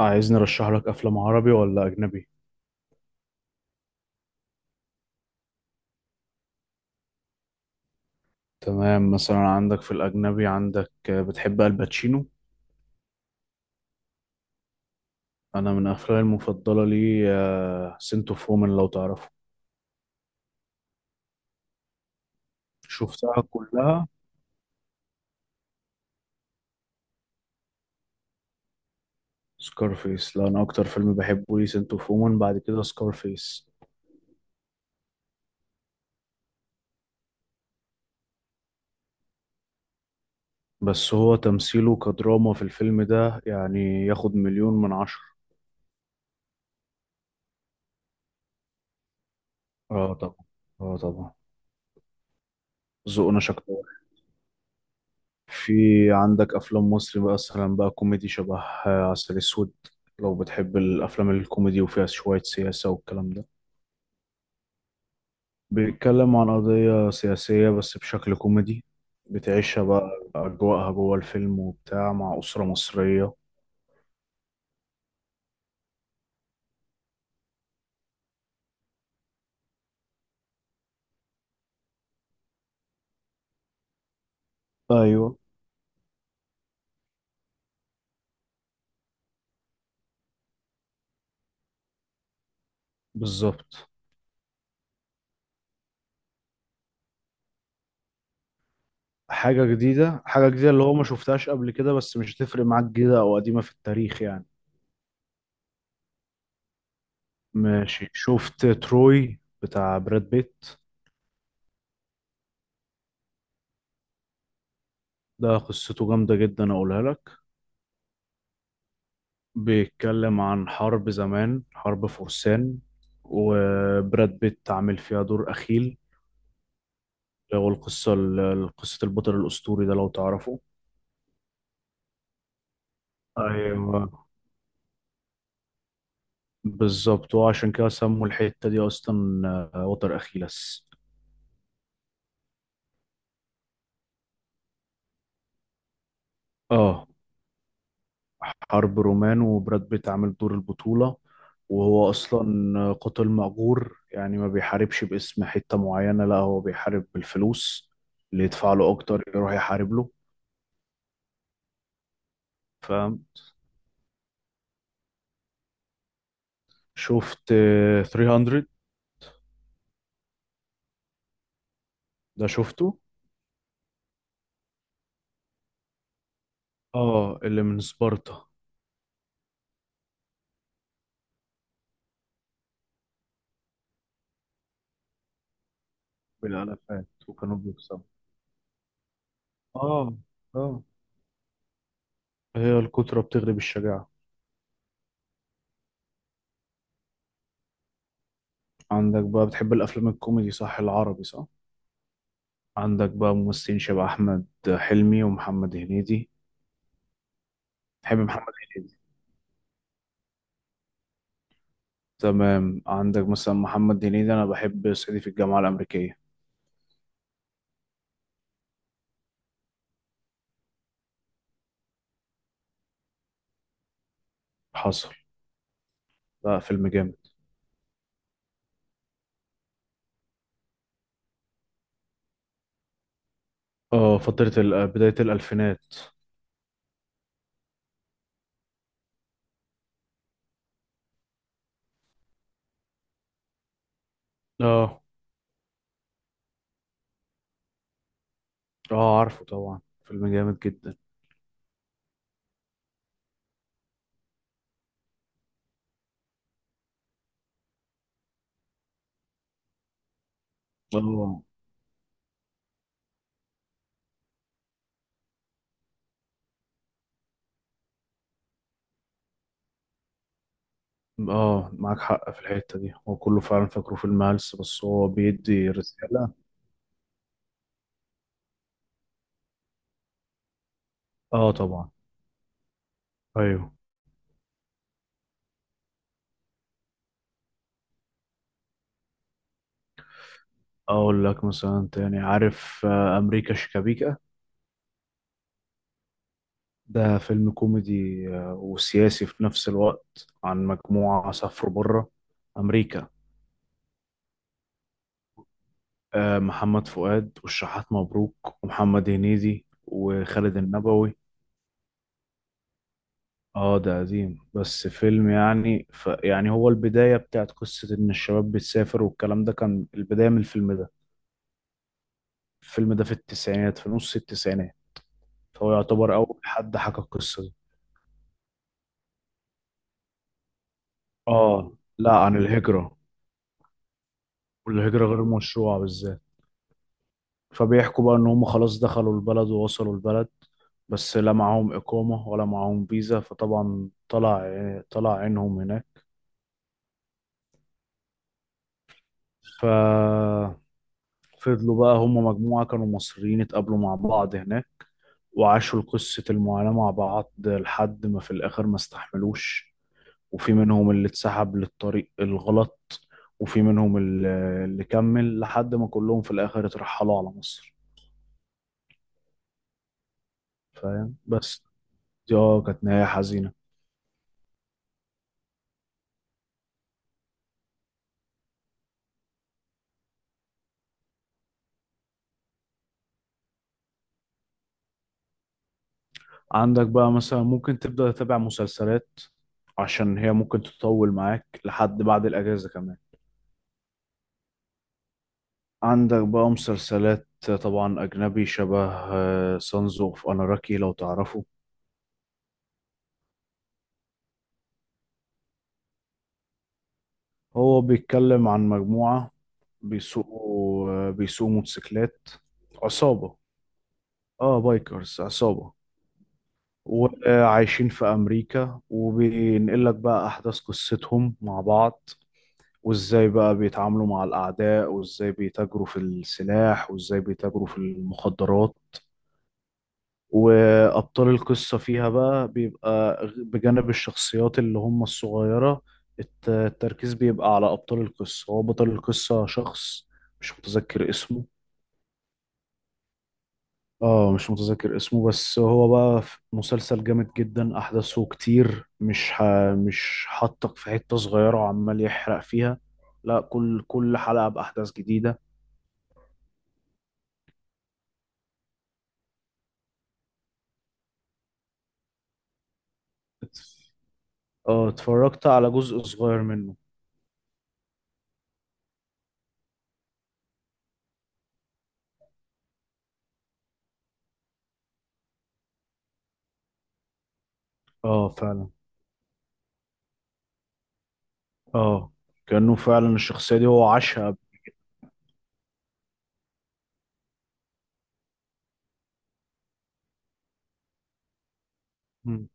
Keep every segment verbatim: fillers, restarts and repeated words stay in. عايزني ارشح لك افلام عربي ولا اجنبي؟ تمام، مثلا عندك في الاجنبي عندك، آه، بتحب الباتشينو. انا من افلامي المفضله لي سنت اوف وومن، لو تعرفه. شفتها كلها. سكارفيس، لا انا اكتر فيلم بحبه لي سنت اوف وومن، بعد كده سكارفيس. بس هو تمثيله كدراما في الفيلم ده يعني ياخد مليون من عشرة. اه طبعا. اه طبعا. ذوقنا شكله. في، عندك افلام مصري مثلا بقى كوميدي شبه، آه، عسل اسود، لو بتحب الافلام الكوميدي وفيها شويه سياسه والكلام ده. بيتكلم عن قضيه سياسيه بس بشكل كوميدي. بتعيشها بقى اجواءها جوه الفيلم وبتاع مع اسره مصريه. ايوه. بالظبط. حاجه جديده حاجه جديده اللي هو ما شفتهاش قبل كده، بس مش هتفرق معاك جديده او قديمه في التاريخ يعني. ماشي، شفت تروي بتاع براد بيت؟ ده قصته جامده جدا اقولها لك. بيتكلم عن حرب زمان، حرب فرسان. وبراد بيت عامل فيها دور أخيل. هو القصة ال- قصة البطل الأسطوري ده، لو تعرفه. ايوه بالظبط، وعشان كده سموا الحتة دي أصلا، آه، وتر أخيلس. اه، حرب رومان وبراد بيت عامل دور البطولة. وهو أصلا قاتل مأجور، يعني ما بيحاربش باسم حتة معينة، لا هو بيحارب بالفلوس، اللي يدفع له أكتر يروح يحارب له. فاهم. شفت ثلاثمية؟ ده شفته. اه، اللي من سبارتا. بالالافات وكانوا بيكسبوا. اه. اه. هي الكترة بتغلب الشجاعة. عندك بقى، بتحب الأفلام الكوميدي صح؟ العربي صح؟ عندك بقى ممثلين شبه أحمد حلمي ومحمد هنيدي. تحب محمد هنيدي؟ تمام، عندك مثلا محمد هنيدي، أنا بحب صعيدي في الجامعة الأمريكية. حصل. لا فيلم جامد. اه، فترة ال- بداية الألفينات. اه. اه عارفه طبعا، فيلم جامد جدا. اه. اه معاك حق في الحتة دي، هو كله فعلا فاكره فيلم هلس، بس هو بيدي رسالة. اه طبعا. ايوه. اقول لك مثلا تاني، عارف، آه، امريكا شيكابيكا. ده فيلم كوميدي آه، وسياسي في نفس الوقت، عن مجموعة سافروا بره امريكا. آه، محمد فؤاد والشحات مبروك ومحمد هنيدي وخالد النبوي. اه ده قديم، بس فيلم يعني، ف يعني هو البداية بتاعت قصة ان الشباب بتسافر والكلام ده، كان البداية من الفيلم ده. الفيلم ده في التسعينات، في نص التسعينات، فهو يعتبر أول حد حكى القصة دي. آه. لا عن الهجرة، والهجرة غير مشروعة بالذات. فبيحكوا بقى إن هم خلاص دخلوا البلد ووصلوا البلد، بس لا معاهم إقامة ولا معاهم فيزا، فطبعا طلع طلع عينهم هناك. ففضلوا بقى، هم مجموعة كانوا مصريين اتقابلوا مع بعض هناك، وعاشوا قصة المعاناة مع بعض لحد ما في الآخر ما استحملوش. وفي منهم اللي اتسحب للطريق الغلط، وفي منهم اللي اللي كمل، لحد ما كلهم في الآخر اترحلوا على مصر. فاهم بس. دي اه كانت نهاية حزينة. عندك بقى مثلا ممكن تبدأ تتابع مسلسلات، عشان هي ممكن تطول معاك لحد بعد الأجازة كمان. عندك بقى مسلسلات، طبعا أجنبي، شبه سانز اوف أناراكي، لو تعرفه. هو بيتكلم عن مجموعة بيسوقوا، آه، بيسوقوا موتوسيكلات، عصابة. اه بايكرز، عصابة. وعايشين في أمريكا، وبينقل لك بقى أحداث قصتهم مع بعض، وإزاي بقى بيتعاملوا مع الأعداء، وإزاي بيتاجروا في السلاح، وإزاي بيتاجروا في المخدرات. وأبطال القصة فيها بقى بيبقى غ- بجانب الشخصيات اللي هم الصغيرة، الت- التركيز بيبقى على أبطال القصة. هو بطل القصة شخص مش متذكر اسمه. اه مش متذكر اسمه، بس هو بقى في مسلسل جامد جدا، احداثه كتير، مش ح... مش حاطك في حتة صغيرة وعمال يحرق فيها، لا كل كل حلقة بأحداث جديدة. اه اتفرجت على جزء صغير منه. اه فعلا. اه كأنه فعلا الشخصية دي هو عاشها قبل. مم.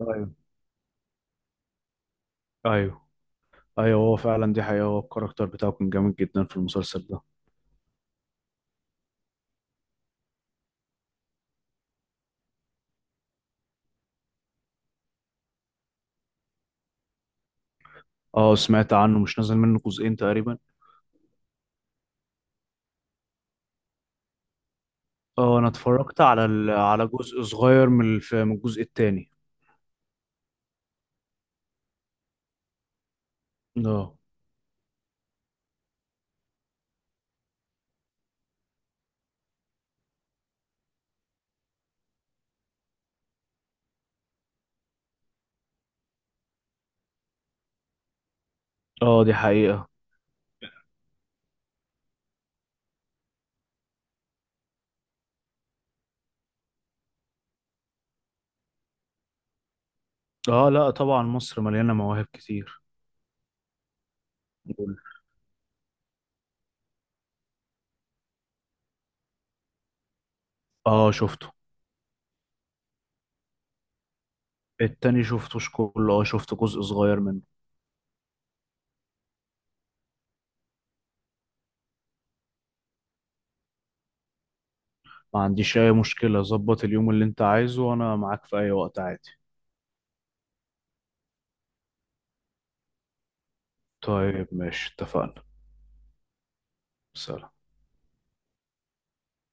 ايوه ايوه ايوه هو فعلا دي حقيقة، هو الكاركتر بتاعه كان جامد جدا في المسلسل ده. اه سمعت عنه، مش نازل منه جزئين تقريبا. اه انا اتفرجت على ال... على جزء صغير من الف... من الجزء التاني. اه. اه دي حقيقة. اه لا طبعا مصر مليانة مواهب كتير. قول. اه شفته. التاني شفتوش كله، اه شفت جزء صغير منه. ما عنديش اي مشكلة، ظبط اليوم اللي انت عايزه وانا معاك في اي وقت عادي. طيب ماشي، اتفقنا. سلام.